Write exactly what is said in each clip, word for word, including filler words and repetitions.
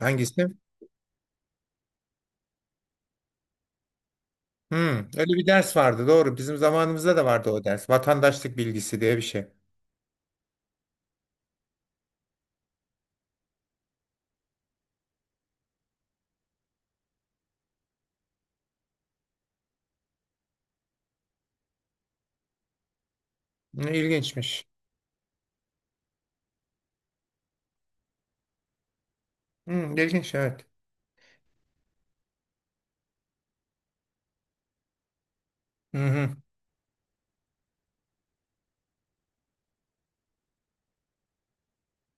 Hangisi? Hmm, öyle bir ders vardı, doğru. Bizim zamanımızda da vardı o ders. Vatandaşlık bilgisi diye bir şey. Ne ilginçmiş. Hmm, ilginç, evet. Hı hı.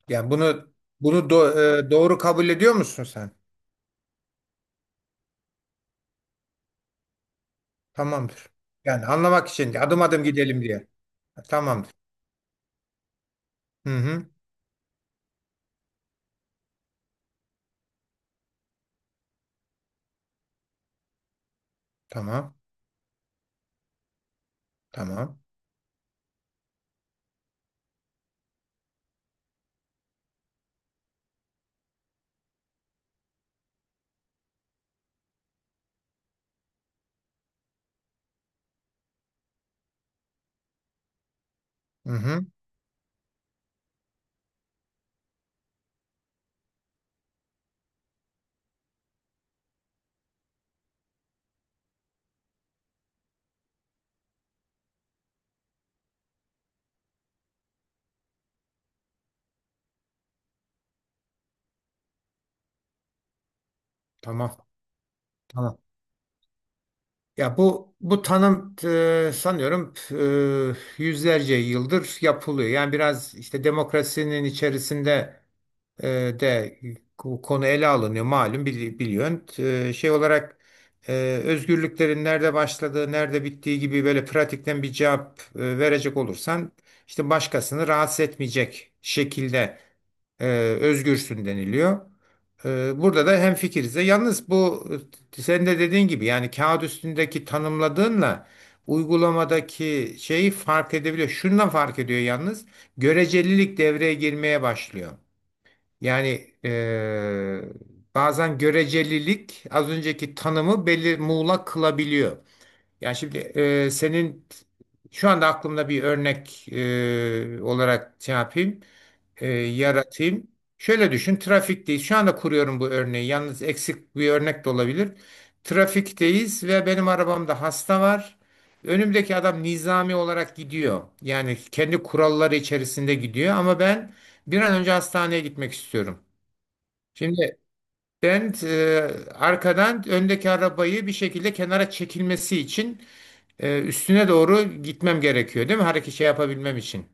Yani bunu bunu do- e, doğru kabul ediyor musun sen? Tamamdır. Yani anlamak için adım adım gidelim diye. Tamamdır. Hı hı. Tamam. Tamam. Hı hı. Tamam. Tamam. Ya bu bu tanım, e, sanıyorum, e, yüzlerce yıldır yapılıyor. Yani biraz işte demokrasinin içerisinde e, de bu konu ele alınıyor, malum, bili- biliyorsun. E, şey olarak e, özgürlüklerin nerede başladığı, nerede bittiği gibi böyle pratikten bir cevap e, verecek olursan işte başkasını rahatsız etmeyecek şekilde e, özgürsün deniliyor. E, Burada da hemfikiriz. E, Yalnız bu, e, senin de dediğin gibi, yani kağıt üstündeki tanımladığınla uygulamadaki şeyi fark edebiliyor. Şundan fark ediyor yalnız. Görecelilik devreye girmeye başlıyor. Yani, eee, bazen görecelilik az önceki tanımı belli muğlak kılabiliyor. Yani şimdi, eee, senin şu anda aklımda bir örnek eee, olarak şey yapayım, eee, yaratayım. Şöyle düşün, trafikteyiz. Şu anda kuruyorum bu örneği. Yalnız eksik bir örnek de olabilir. Trafikteyiz ve benim arabamda hasta var. Önümdeki adam nizami olarak gidiyor. Yani kendi kuralları içerisinde gidiyor ama ben bir an önce hastaneye gitmek istiyorum. Şimdi ben, e, arkadan öndeki arabayı bir şekilde kenara çekilmesi için, e, üstüne doğru gitmem gerekiyor değil mi? Hareket şey yapabilmem için.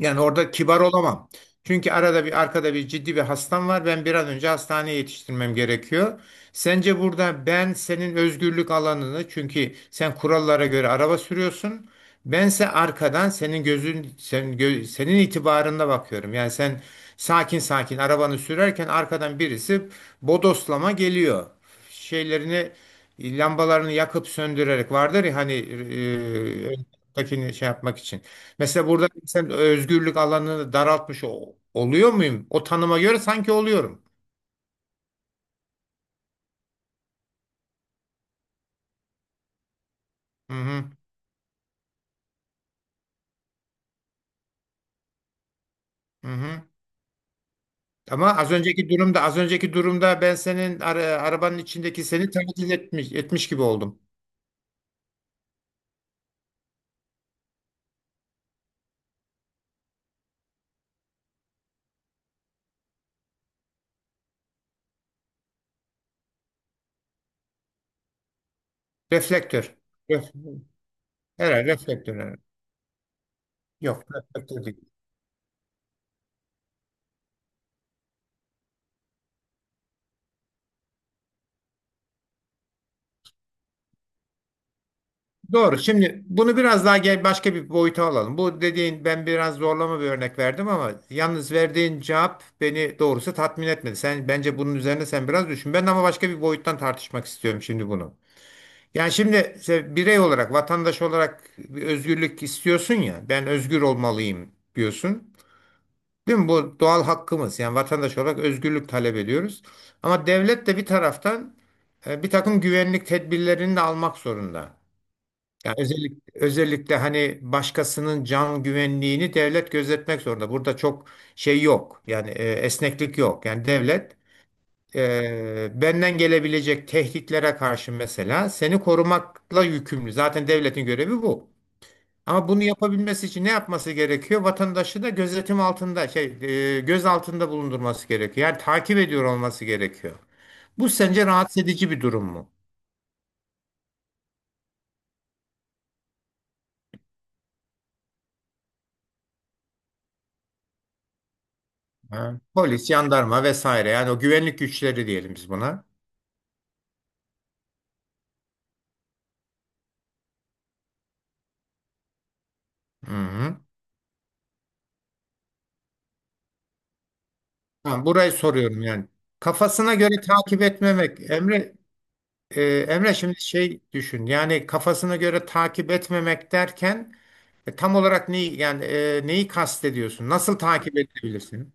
Yani orada kibar olamam. Çünkü arada bir arkada bir ciddi bir hastam var. Ben bir an önce hastaneye yetiştirmem gerekiyor. Sence burada ben senin özgürlük alanını, çünkü sen kurallara göre araba sürüyorsun. Bense arkadan, senin gözün senin, gö- senin itibarında bakıyorum. Yani sen sakin sakin arabanı sürerken arkadan birisi bodoslama geliyor. Şeylerini, lambalarını yakıp söndürerek vardır ya hani, e, öndekini şey yapmak için. Mesela burada sen özgürlük alanını daraltmış o- oluyor muyum? O tanıma göre sanki oluyorum. Hı hı, hı hı. Ama az önceki durumda, az önceki durumda ben senin ara- arabanın içindeki seni taklit etmiş, etmiş gibi oldum. Reflektör. Ref- Herhalde reflektör. Herhalde. Yok, reflektör değil. Doğru. Şimdi bunu biraz daha gel başka bir boyuta alalım. Bu dediğin, ben biraz zorlama bir örnek verdim ama yalnız verdiğin cevap beni doğrusu tatmin etmedi. Sen bence bunun üzerine sen biraz düşün. Ben ama başka bir boyuttan tartışmak istiyorum şimdi bunu. Yani şimdi se- birey olarak, vatandaş olarak bir özgürlük istiyorsun ya. Ben özgür olmalıyım diyorsun. Değil mi? Bu doğal hakkımız. Yani vatandaş olarak özgürlük talep ediyoruz. Ama devlet de bir taraftan e, bir takım güvenlik tedbirlerini de almak zorunda. Yani özellikle, özellikle hani başkasının can güvenliğini devlet gözetmek zorunda. Burada çok şey yok. Yani, e, esneklik yok. Yani devlet, e, benden gelebilecek tehditlere karşı mesela seni korumakla yükümlü. Zaten devletin görevi bu. Ama bunu yapabilmesi için ne yapması gerekiyor? Vatandaşı da gözetim altında, şey, e, göz altında bulundurması gerekiyor. Yani takip ediyor olması gerekiyor. Bu sence rahatsız edici bir durum mu? Ha? Polis, jandarma vesaire, yani o güvenlik güçleri diyelim biz buna. Hı hı. Tamam, burayı soruyorum yani. Kafasına göre takip etmemek. Emre e, Emre şimdi şey düşün. Yani kafasına göre takip etmemek derken, e, tam olarak neyi, yani, e, neyi kastediyorsun? Nasıl takip edebilirsin?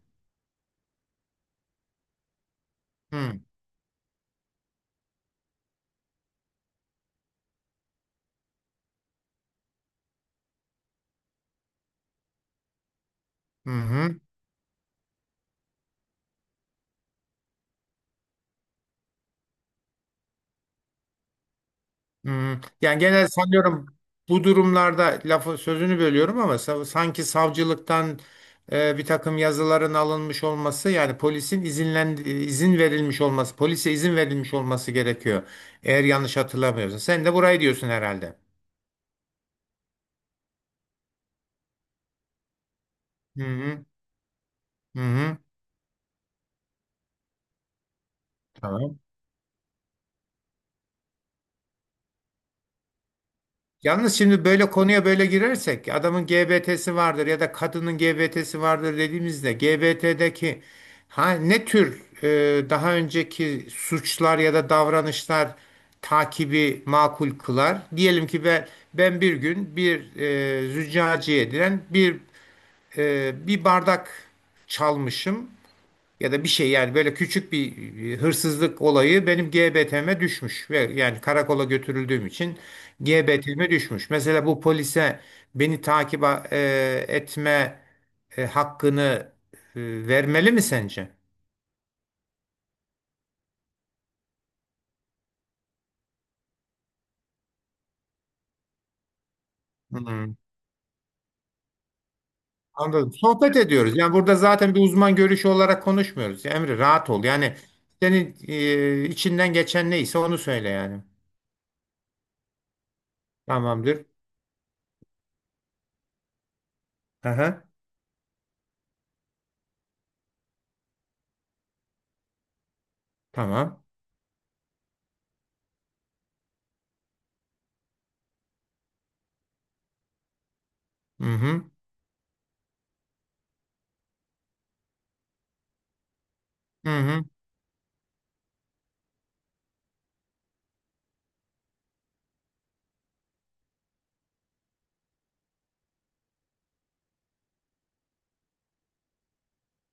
Hı hı. Hmm, Yani genel sanıyorum bu durumlarda lafı sözünü bölüyorum ama sa- sanki savcılıktan, e, bir takım yazıların alınmış olması, yani polisin izinlen izin verilmiş olması polise izin verilmiş olması gerekiyor. Eğer yanlış hatırlamıyorsam. Sen de burayı diyorsun herhalde. Hı hı. Hı hı. Tamam. Yalnız şimdi böyle konuya böyle girersek adamın G B T'si vardır ya da kadının G B T'si vardır dediğimizde G B T'deki, ha, ne tür e, daha önceki suçlar ya da davranışlar takibi makul kılar? Diyelim ki ben, ben bir gün bir, e, züccaciye diren bir, e, bir bardak çalmışım ya da bir şey, yani böyle küçük bir, e, hırsızlık olayı benim G B T'me düşmüş ve yani karakola götürüldüğüm için G B T'me düşmüş. Mesela bu polise beni takip a- e, etme, e, hakkını, e, vermeli mi sence? Hmm, Anladım. Sohbet ediyoruz. Yani burada zaten bir uzman görüşü olarak konuşmuyoruz. Emre, rahat ol. Yani senin, e, içinden geçen neyse onu söyle yani. Tamamdır. Aha. Tamam. Hı hı. Hı hı.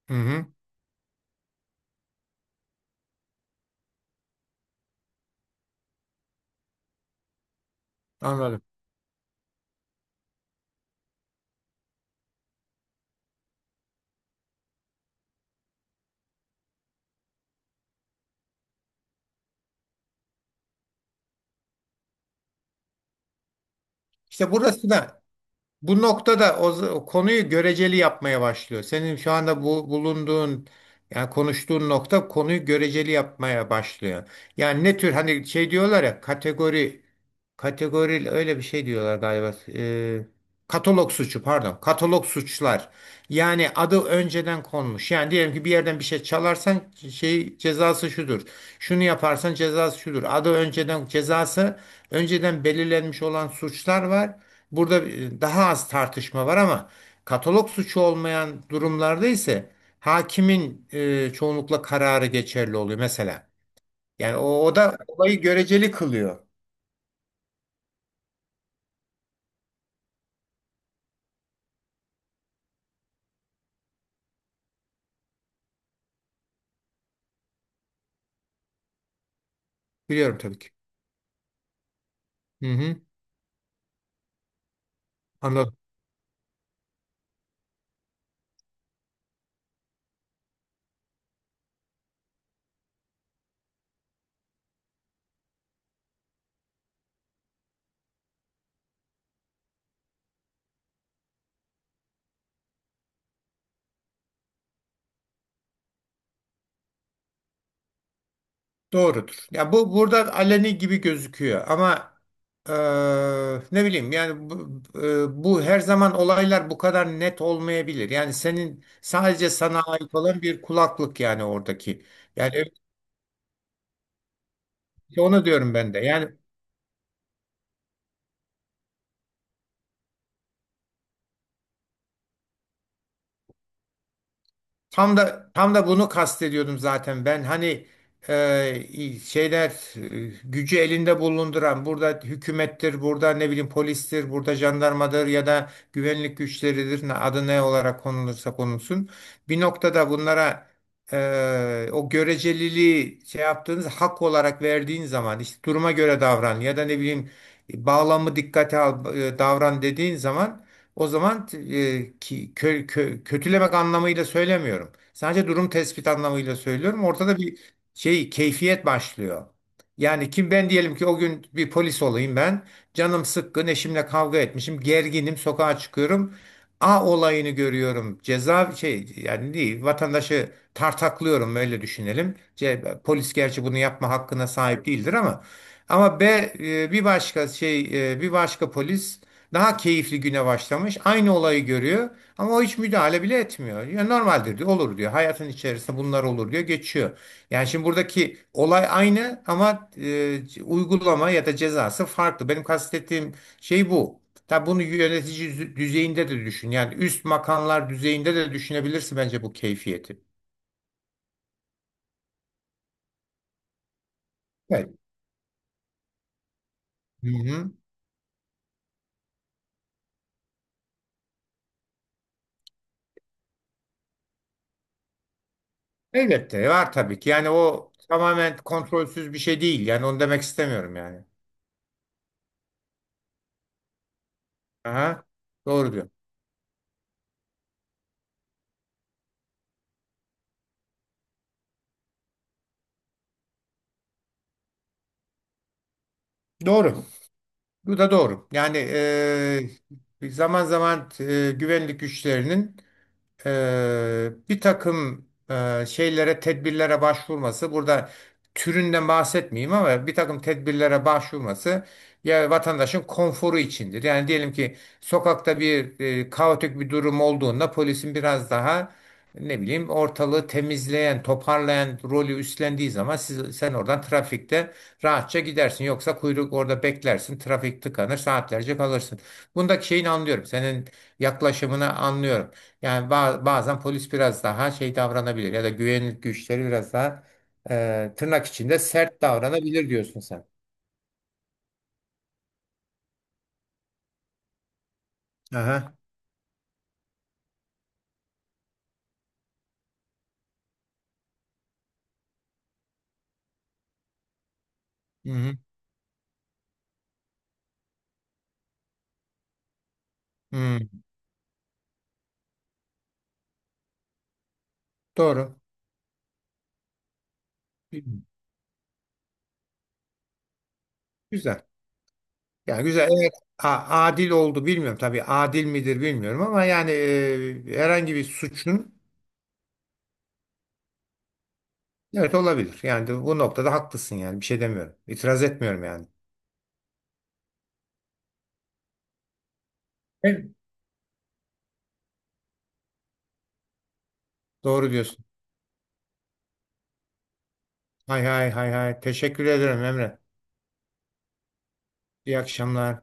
Hı hı. Anladım. İşte burası da bu noktada o, z- o konuyu göreceli yapmaya başlıyor. Senin şu anda bu bulunduğun, yani konuştuğun nokta konuyu göreceli yapmaya başlıyor. Yani ne tür, hani şey diyorlar ya, kategori kategori öyle bir şey diyorlar galiba. Ee, katalog suçu, pardon, katalog suçlar. Yani adı önceden konmuş. Yani diyelim ki bir yerden bir şey çalarsan şey cezası şudur. Şunu yaparsan cezası şudur. Adı önceden, cezası önceden belirlenmiş olan suçlar var. Burada e, daha az tartışma var ama katalog suçu olmayan durumlarda ise hakimin, e, çoğunlukla kararı geçerli oluyor mesela. Yani o, o da olayı göreceli kılıyor. Biliyorum tabii ki. Hı hı, anladım. Doğrudur. Ya bu burada aleni gibi gözüküyor ama, e, ne bileyim yani bu, e, bu her zaman olaylar bu kadar net olmayabilir. Yani senin sadece sana ait olan bir kulaklık, yani oradaki. Yani, evet, onu diyorum ben de. Yani tam da tam da bunu kastediyordum zaten. Ben hani, e, şeyler, e, gücü elinde bulunduran, burada hükümettir, burada ne bileyim polistir, burada jandarmadır ya da güvenlik güçleridir. ne- Adı ne olarak konulursa konulsun. Bir noktada bunlara, e, o göreceliliği şey yaptığınız hak olarak verdiğin zaman işte duruma göre davran ya da ne bileyim, e, bağlamı dikkate al, e, davran dediğin zaman o zaman, e, ki, kö- kö- kötülemek anlamıyla söylemiyorum. Sadece durum tespit anlamıyla söylüyorum. Ortada bir şey keyfiyet başlıyor. Yani kim, ben diyelim ki o gün bir polis olayım ben. Canım sıkkın, eşimle kavga etmişim, gerginim, sokağa çıkıyorum. A olayını görüyorum. Ceza şey yani değil, vatandaşı tartaklıyorum, öyle düşünelim. C, polis gerçi bunu yapma hakkına sahip değildir ama, ama B, e, bir başka şey e, bir başka polis daha keyifli güne başlamış. Aynı olayı görüyor ama o hiç müdahale bile etmiyor. Ya normaldir diyor, olur diyor. Hayatın içerisinde bunlar olur diyor, geçiyor. Yani şimdi buradaki olay aynı ama, e, uygulama ya da cezası farklı. Benim kastettiğim şey bu. Tabi bunu yönetici düz- düzeyinde de düşün. Yani üst makamlar düzeyinde de düşünebilirsin bence bu keyfiyeti. Evet. Hı-hı. Elbette var tabii ki. Yani o tamamen kontrolsüz bir şey değil. Yani onu demek istemiyorum yani. Aha, doğru diyor. Doğru. Bu da doğru. Yani, e, zaman zaman, e, güvenlik güçlerinin, e, bir takım, e, şeylere, tedbirlere başvurması, burada türünden bahsetmeyeyim ama bir takım tedbirlere başvurması ya vatandaşın konforu içindir. Yani diyelim ki sokakta bir, e, kaotik bir durum olduğunda polisin biraz daha ne bileyim ortalığı temizleyen, toparlayan rolü üstlendiği zaman siz, sen oradan trafikte rahatça gidersin. Yoksa kuyruk orada beklersin, trafik tıkanır, saatlerce kalırsın. Bundaki şeyini anlıyorum. Senin yaklaşımını anlıyorum. Yani ba- bazen polis biraz daha şey davranabilir ya da güvenlik güçleri biraz daha, e, tırnak içinde sert davranabilir diyorsun sen. Aha. Hı hı. Hı. Doğru. Güzel. Yani güzel. Eğer a- adil oldu bilmiyorum. Tabii adil midir bilmiyorum ama yani, e, herhangi bir suçun evet olabilir. Yani de bu noktada haklısın yani. Bir şey demiyorum. İtiraz etmiyorum yani. Evet. Doğru diyorsun. Hay hay hay hay. Teşekkür ederim, Emre. İyi akşamlar.